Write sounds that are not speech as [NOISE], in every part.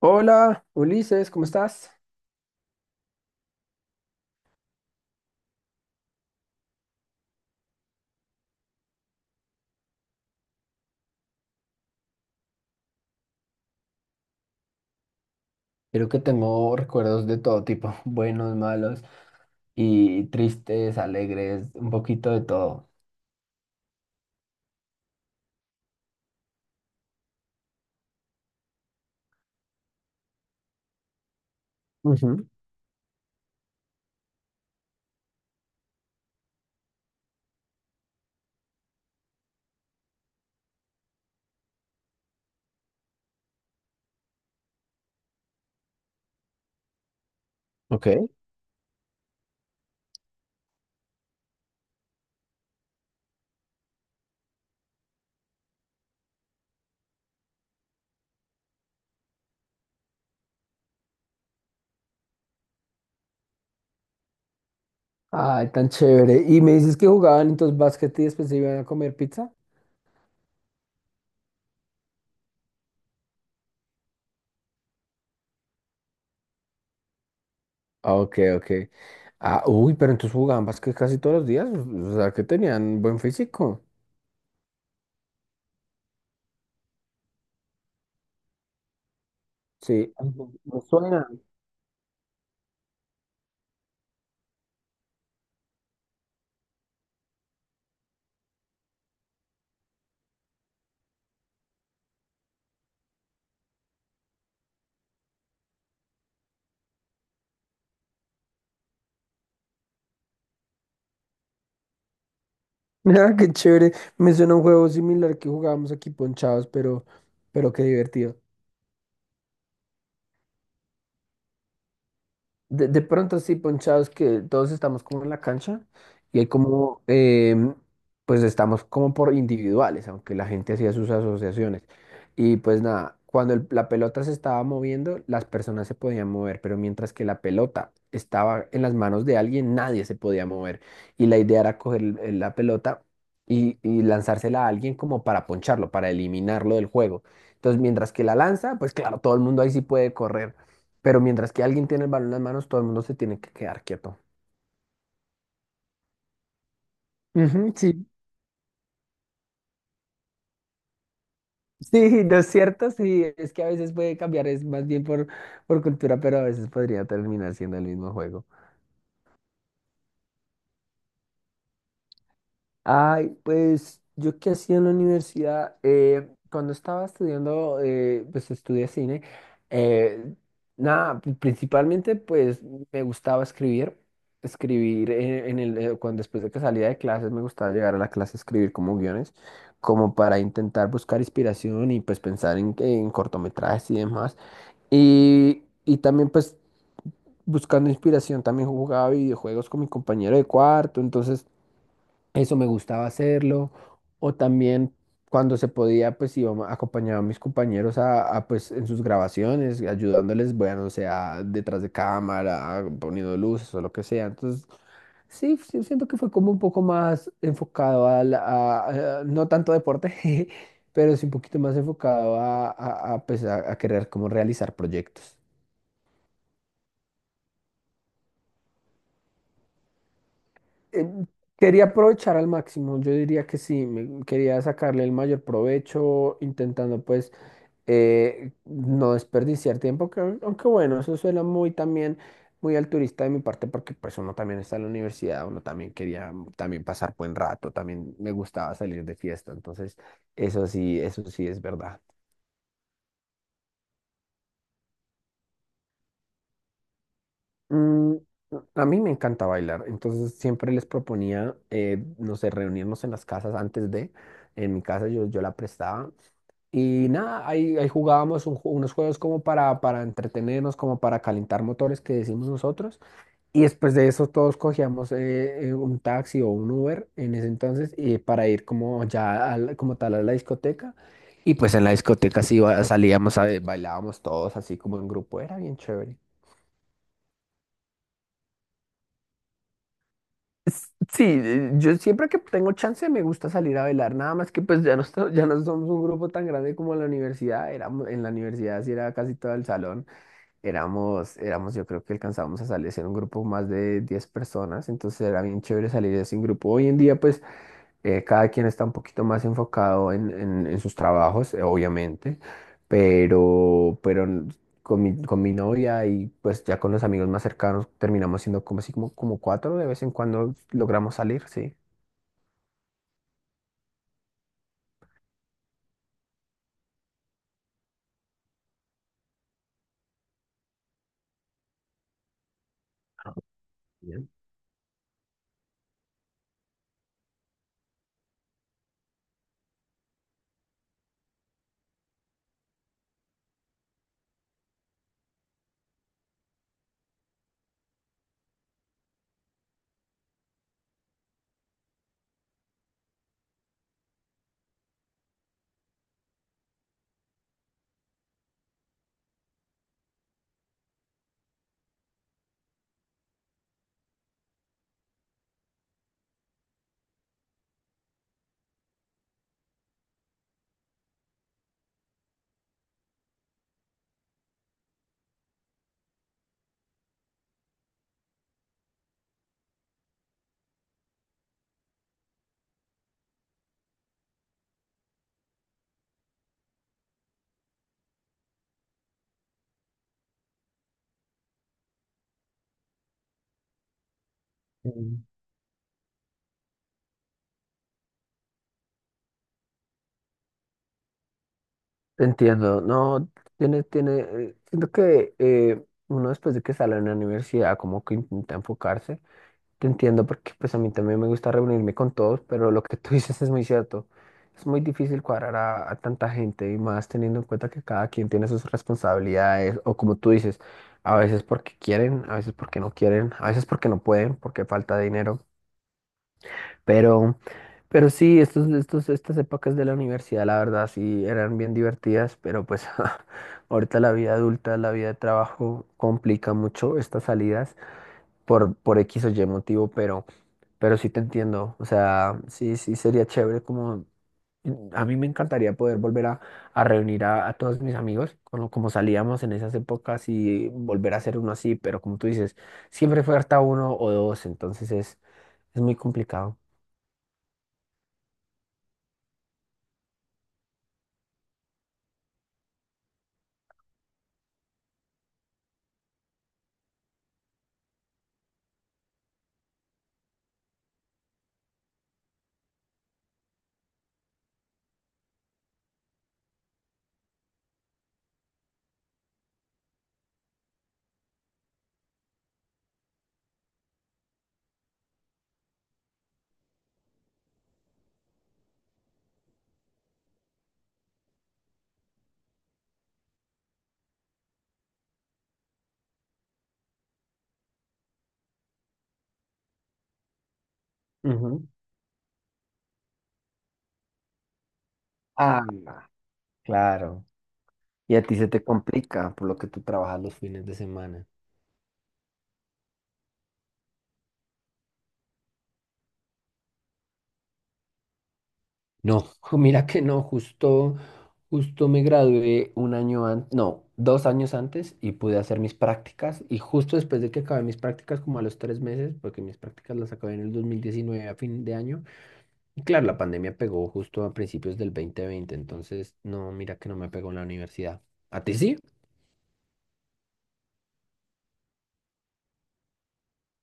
Hola, Ulises, ¿cómo estás? Creo que tengo recuerdos de todo tipo, [LAUGHS] buenos, malos y tristes, alegres, un poquito de todo. Ujú. Ok. Ay, tan chévere. Y me dices que jugaban entonces básquet y después se iban a comer pizza. Ah, ok, ok. Ah, uy, pero entonces jugaban básquet casi todos los días. O sea, que tenían buen físico. Sí, ay, me suena. [LAUGHS] Ah, qué chévere. Me suena un juego similar que jugábamos aquí ponchados, pero qué divertido. De pronto sí, ponchados que todos estamos como en la cancha y hay como, pues estamos como por individuales, aunque la gente hacía sus asociaciones. Y pues nada, cuando la pelota se estaba moviendo, las personas se podían mover, pero mientras que la pelota estaba en las manos de alguien, nadie se podía mover. Y la idea era coger la pelota y lanzársela a alguien como para poncharlo, para eliminarlo del juego. Entonces, mientras que la lanza, pues claro, todo el mundo ahí sí puede correr. Pero mientras que alguien tiene el balón en las manos, todo el mundo se tiene que quedar quieto. Ujú, sí. Sí, no es cierto, sí, es que a veces puede cambiar, es más bien por, cultura, pero a veces podría terminar siendo el mismo juego. Ay, pues yo qué hacía en la universidad. Cuando estaba estudiando, pues estudié cine, eh, nada, principalmente pues me gustaba escribir, cuando después de que salía de clases me gustaba llegar a la clase a escribir como guiones, como para intentar buscar inspiración y pues pensar en cortometrajes y demás. Y también pues buscando inspiración también jugaba videojuegos con mi compañero de cuarto, entonces. Eso me gustaba hacerlo. O también cuando se podía, pues acompañaba a mis compañeros pues en sus grabaciones, ayudándoles, bueno, o sea, detrás de cámara, poniendo luces o lo que sea. Entonces, sí, sí, siento que fue como un poco más enfocado no tanto deporte, [LAUGHS] pero sí un poquito más enfocado pues, a querer como realizar proyectos. Eh, Quería aprovechar al máximo, yo diría que sí, quería sacarle el mayor provecho, intentando pues no desperdiciar tiempo, que, aunque bueno, eso suena muy también, muy altruista de mi parte, porque pues uno también está en la universidad, uno también quería también pasar buen rato, también me gustaba salir de fiesta, entonces eso sí es verdad. Mm, a mí me encanta bailar, entonces siempre les proponía, no sé, reunirnos en las casas antes de, en mi casa yo la prestaba. Y nada, ahí jugábamos unos juegos como para entretenernos, como para calentar motores que decimos nosotros. Y después de eso todos cogíamos un taxi o un Uber en ese entonces y para ir como ya como tal a la discoteca. Y pues en la discoteca sí salíamos, bailábamos todos así como en grupo, era bien chévere. Sí, yo siempre que tengo chance me gusta salir a bailar, nada más que pues ya no, ya no somos un grupo tan grande como en la universidad, en la universidad sí era casi todo el salón, éramos yo creo que alcanzábamos a salir, ser un grupo más de 10 personas, entonces era bien chévere salir así en grupo. Hoy en día pues cada quien está un poquito más enfocado en, en sus trabajos, obviamente, pero, pero con mi novia y pues ya con los amigos más cercanos terminamos siendo como así como, como cuatro, de vez en cuando logramos salir, sí. Bien. Mm. Entiendo, no, tiene, siento que uno después de que sale de la universidad como que intenta enfocarse. Te entiendo porque pues a mí también me gusta reunirme con todos, pero lo que tú [LAUGHS] dices es muy cierto. Es muy difícil cuadrar a tanta gente y más teniendo en cuenta que cada quien tiene sus responsabilidades o como tú dices, a veces porque quieren, a veces porque no quieren, a veces porque no pueden, porque falta dinero. Pero, pero sí, estas épocas de la universidad, la verdad, sí eran bien divertidas, pero pues [LAUGHS] ahorita la vida adulta, la vida de trabajo complica mucho estas salidas por X o Y motivo, pero sí te entiendo, o sea, sí, sí sería chévere como, mm, a mí me encantaría poder volver a reunir a todos mis amigos, como, como salíamos en esas épocas y volver a hacer uno así, pero como tú dices, siempre falta uno o dos, entonces es muy complicado. Ujú. Ah, claro. Y a ti se te complica por lo que tú trabajas los fines de semana. No, [LAUGHS] mira que no, justo, me gradué un año antes, no, 2 años antes y pude hacer mis prácticas y justo después de que acabé mis prácticas, como a los 3 meses, porque mis prácticas las acabé en el 2019 a fin de año, y claro, la pandemia pegó justo a principios del 2020, entonces no, mira que no me pegó en la universidad. ¿A ti sí?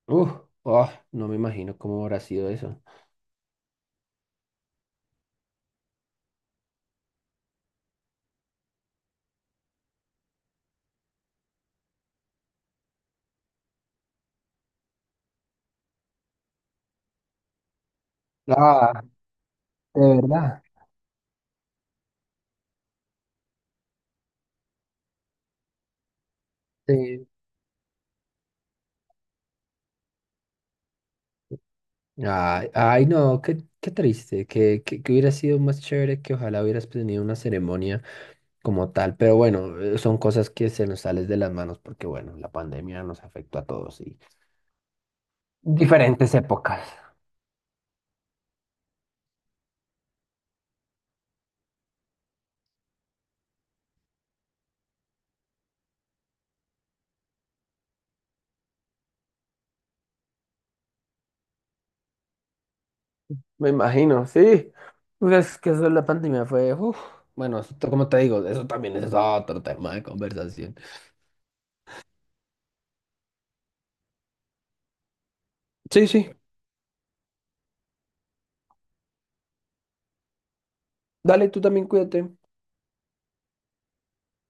Uf, ah, no me imagino cómo habrá sido eso. Ah, ¿de verdad? Ay, ay, no, qué, triste, que hubiera sido más chévere, que ojalá hubieras tenido una ceremonia como tal, pero bueno, son cosas que se nos salen de las manos porque bueno, la pandemia nos afectó a todos y diferentes épocas. Me imagino, sí. Pues, es que eso de la pandemia fue. Uf. Bueno, esto, como te digo, eso también es otro tema de conversación. Sí, sí. Dale, tú también cuídate.